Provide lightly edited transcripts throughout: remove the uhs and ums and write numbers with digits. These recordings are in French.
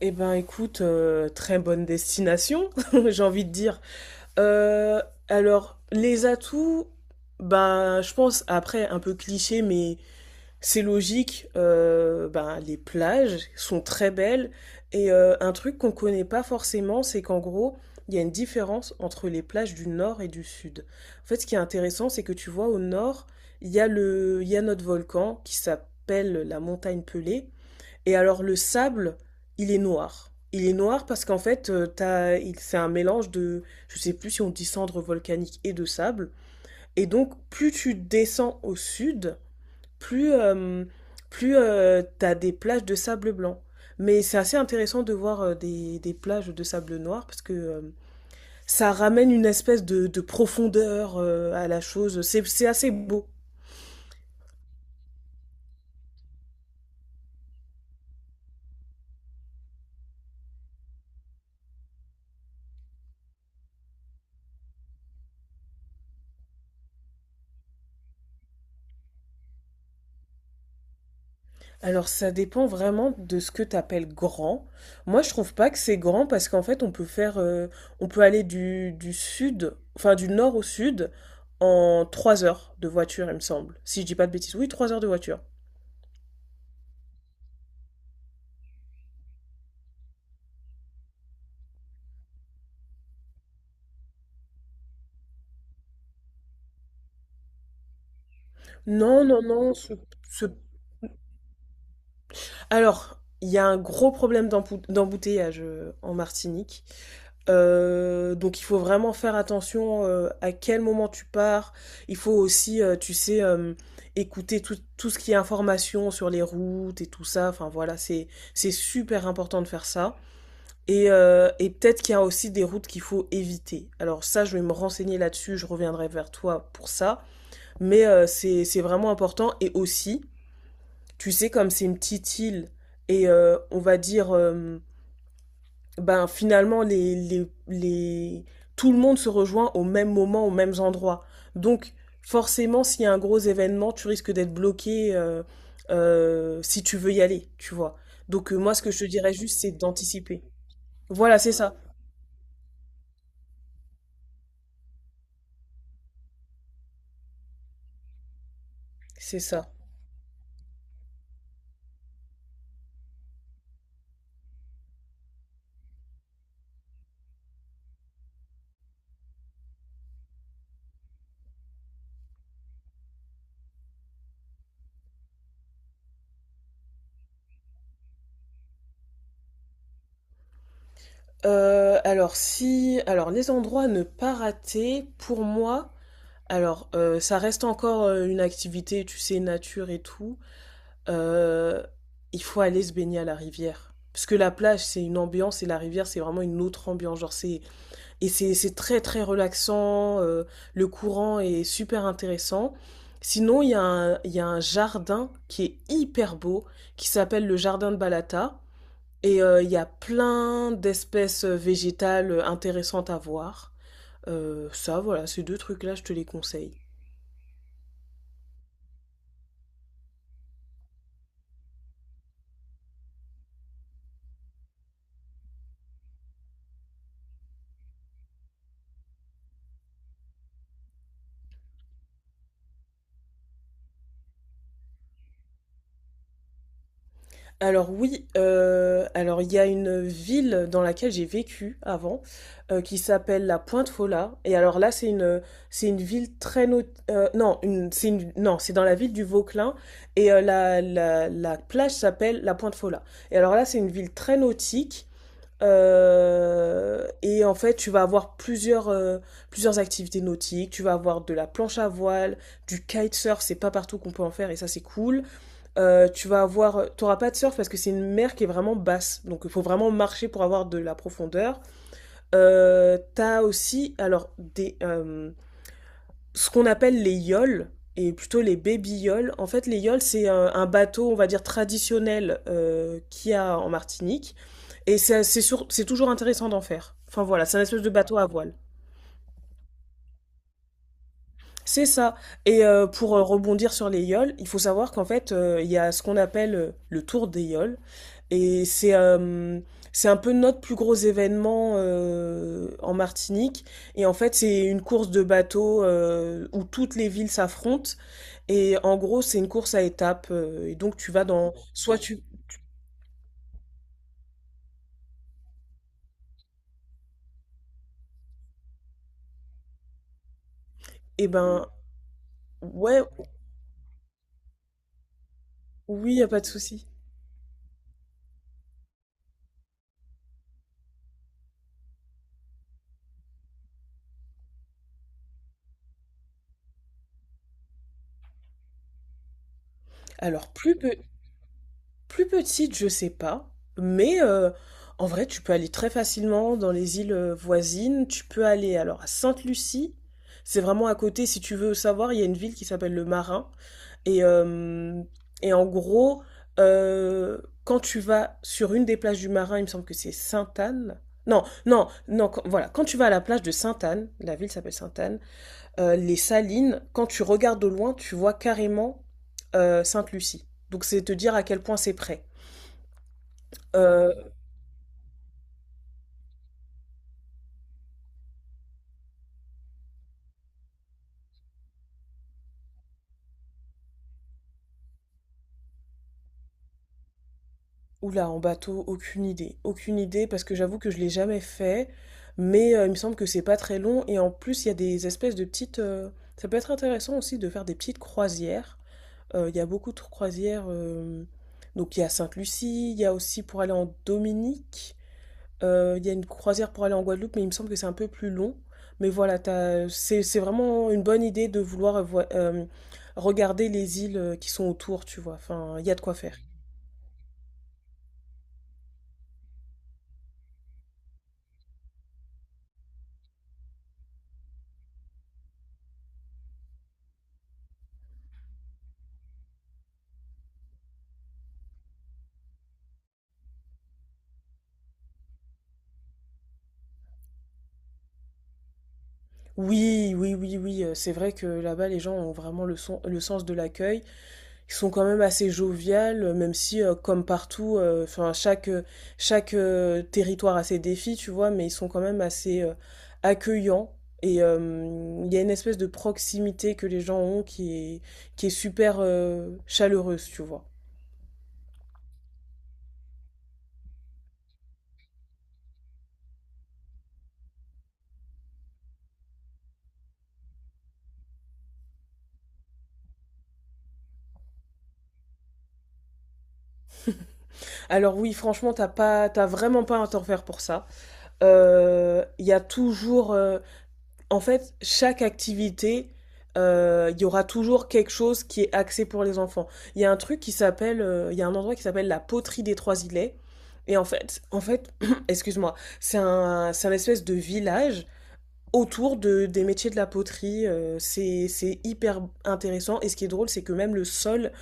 Eh ben écoute, très bonne destination, j'ai envie de dire. Euh, alors, les atouts, ben je pense, après, un peu cliché, mais c'est logique, ben, les plages sont très belles. Et un truc qu'on connaît pas forcément, c'est qu'en gros, il y a une différence entre les plages du nord et du sud. En fait, ce qui est intéressant, c'est que tu vois, au nord, il y a notre volcan qui s'appelle la montagne Pelée. Et alors le sable, il est noir. Il est noir parce qu'en fait, c'est un mélange de, je sais plus si on dit cendres volcaniques et de sable. Et donc, plus tu descends au sud, plus, euh, plus, t'as des plages de sable blanc. Mais c'est assez intéressant de voir des plages de sable noir parce que ça ramène une espèce de profondeur à la chose. C'est assez beau. Alors ça dépend vraiment de ce que tu appelles grand. Moi, je trouve pas que c'est grand parce qu'en fait, on peut aller du sud, enfin du nord au sud en 3 heures de voiture, il me semble. Si je dis pas de bêtises, oui, 3 heures de voiture. Non, non, non. ce Alors, il y a un gros problème d'embouteillage en Martinique. Donc il faut vraiment faire attention à quel moment tu pars. Il faut aussi, tu sais, écouter tout ce qui est information sur les routes et tout ça. Enfin voilà, c'est super important de faire ça. Et peut-être qu'il y a aussi des routes qu'il faut éviter. Alors ça, je vais me renseigner là-dessus, je reviendrai vers toi pour ça. Mais c'est vraiment important. Et aussi, tu sais, comme c'est une petite île, et on va dire, ben finalement, tout le monde se rejoint au même moment, aux mêmes endroits. Donc, forcément, s'il y a un gros événement, tu risques d'être bloqué si tu veux y aller, tu vois. Donc, moi, ce que je te dirais juste, c'est d'anticiper. Voilà, c'est ça. C'est ça. Alors, les endroits à ne pas rater, pour moi, alors, ça reste encore une activité, tu sais, nature et tout. euh, il faut aller se baigner à la rivière. Parce que la plage, c'est une ambiance et la rivière, c'est vraiment une autre ambiance. Et c'est très, très relaxant. Le courant est super intéressant. Sinon, il y a un jardin qui est hyper beau, qui s'appelle le jardin de Balata. Et il y a plein d'espèces végétales intéressantes à voir. Ça, voilà, ces deux trucs-là, je te les conseille. Alors oui, alors il y a une ville dans laquelle j'ai vécu avant, qui s'appelle la Pointe Fola et alors là c'est une ville très not non une c'est une non c'est dans la ville du Vauclin et la plage s'appelle la Pointe Fola et alors là c'est une ville très nautique, et en fait tu vas avoir plusieurs activités nautiques. Tu vas avoir de la planche à voile, du kitesurf, c'est pas partout qu'on peut en faire et ça c'est cool. T'auras pas de surf parce que c'est une mer qui est vraiment basse, donc il faut vraiment marcher pour avoir de la profondeur. T'as aussi, alors ce qu'on appelle les yoles et plutôt les baby yoles. En fait, les yoles c'est un bateau, on va dire traditionnel qu'il y a en Martinique, et c'est toujours intéressant d'en faire. Enfin voilà, c'est un espèce de bateau à voile. C'est ça. Et pour rebondir sur les yoles, il faut savoir qu'en fait, il y a ce qu'on appelle le tour des yoles. Et c'est un peu notre plus gros événement en Martinique. Et en fait, c'est une course de bateau où toutes les villes s'affrontent. Et en gros, c'est une course à étapes. Et donc, tu vas dans... Soit tu... Eh ben, ouais, oui, y a pas de souci. Alors, plus petite, je sais pas. Mais en vrai, tu peux aller très facilement dans les îles voisines. Tu peux aller alors à Sainte-Lucie. C'est vraiment à côté, si tu veux savoir, il y a une ville qui s'appelle le Marin. Et, euh, et en gros, euh, quand tu vas sur une des plages du Marin, il me semble que c'est Sainte-Anne. Non, non, non, voilà. Quand tu vas à la plage de Sainte-Anne, la ville s'appelle Sainte-Anne, les salines, quand tu regardes au loin, tu vois carrément Sainte-Lucie. Donc c'est te dire à quel point c'est près. Euh, Oula, en bateau, aucune idée. Aucune idée, parce que j'avoue que je l'ai jamais fait, mais il me semble que c'est pas très long. Et en plus, il y a des espèces de petites. Ça peut être intéressant aussi de faire des petites croisières. Il y a beaucoup de croisières. Donc il y a Sainte-Lucie, il y a aussi pour aller en Dominique. Il y a une croisière pour aller en Guadeloupe, mais il me semble que c'est un peu plus long. Mais voilà, c'est vraiment une bonne idée de vouloir regarder les îles qui sont autour, tu vois. Enfin, il y a de quoi faire. Oui, oui, oui, oui, c'est vrai que là-bas, les gens ont vraiment le sens de l'accueil. Ils sont quand même assez joviales, même si, comme partout, enfin chaque, territoire a ses défis, tu vois? Mais ils sont quand même assez, accueillants et il y a une espèce de proximité que les gens ont qui est super, chaleureuse, tu vois? Alors oui, franchement, t'as vraiment pas à t'en faire pour ça. Il y a toujours, En fait, chaque activité, il y aura toujours quelque chose qui est axé pour les enfants. Il y a un endroit qui s'appelle la poterie des Trois Îlets. Et excuse-moi, c'est un espèce de village autour des métiers de la poterie. C'est hyper intéressant. Et ce qui est drôle, c'est que même le sol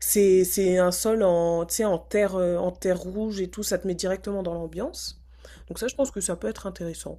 c'est un sol en, tu sais, en terre rouge et tout, ça te met directement dans l'ambiance. Donc ça, je pense que ça peut être intéressant.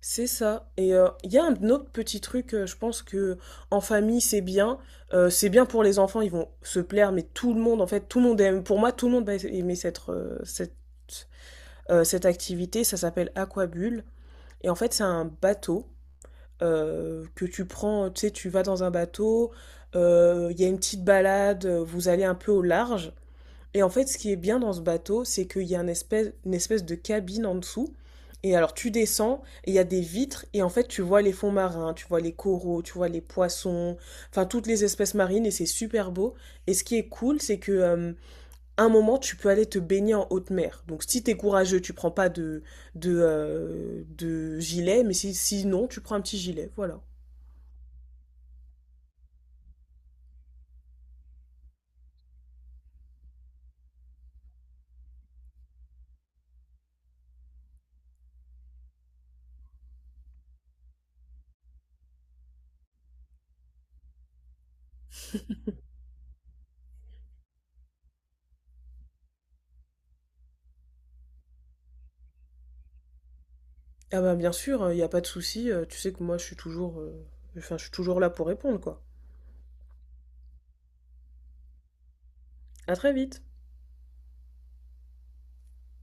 C'est ça. Et il y a un autre petit truc, je pense que en famille, c'est bien. C'est bien pour les enfants, ils vont se plaire, mais tout le monde, en fait, tout le monde aime. Pour moi, tout le monde va aimer cette activité. Ça s'appelle Aquabulle. Et en fait, c'est un bateau que tu prends, tu sais, tu vas dans un bateau, il y a une petite balade, vous allez un peu au large. Et en fait, ce qui est bien dans ce bateau, c'est qu'il y a une espèce de cabine en dessous. Et alors, tu descends, et il y a des vitres, et en fait, tu vois les fonds marins, tu vois les coraux, tu vois les poissons, enfin, toutes les espèces marines, et c'est super beau. Et ce qui est cool, c'est que, à un moment, tu peux aller te baigner en haute mer. Donc, si t'es courageux, tu prends pas de gilet, mais si, sinon, tu prends un petit gilet, voilà. Ah bah, bien sûr, il y a pas de souci, tu sais que moi enfin je suis toujours là pour répondre quoi. À très vite.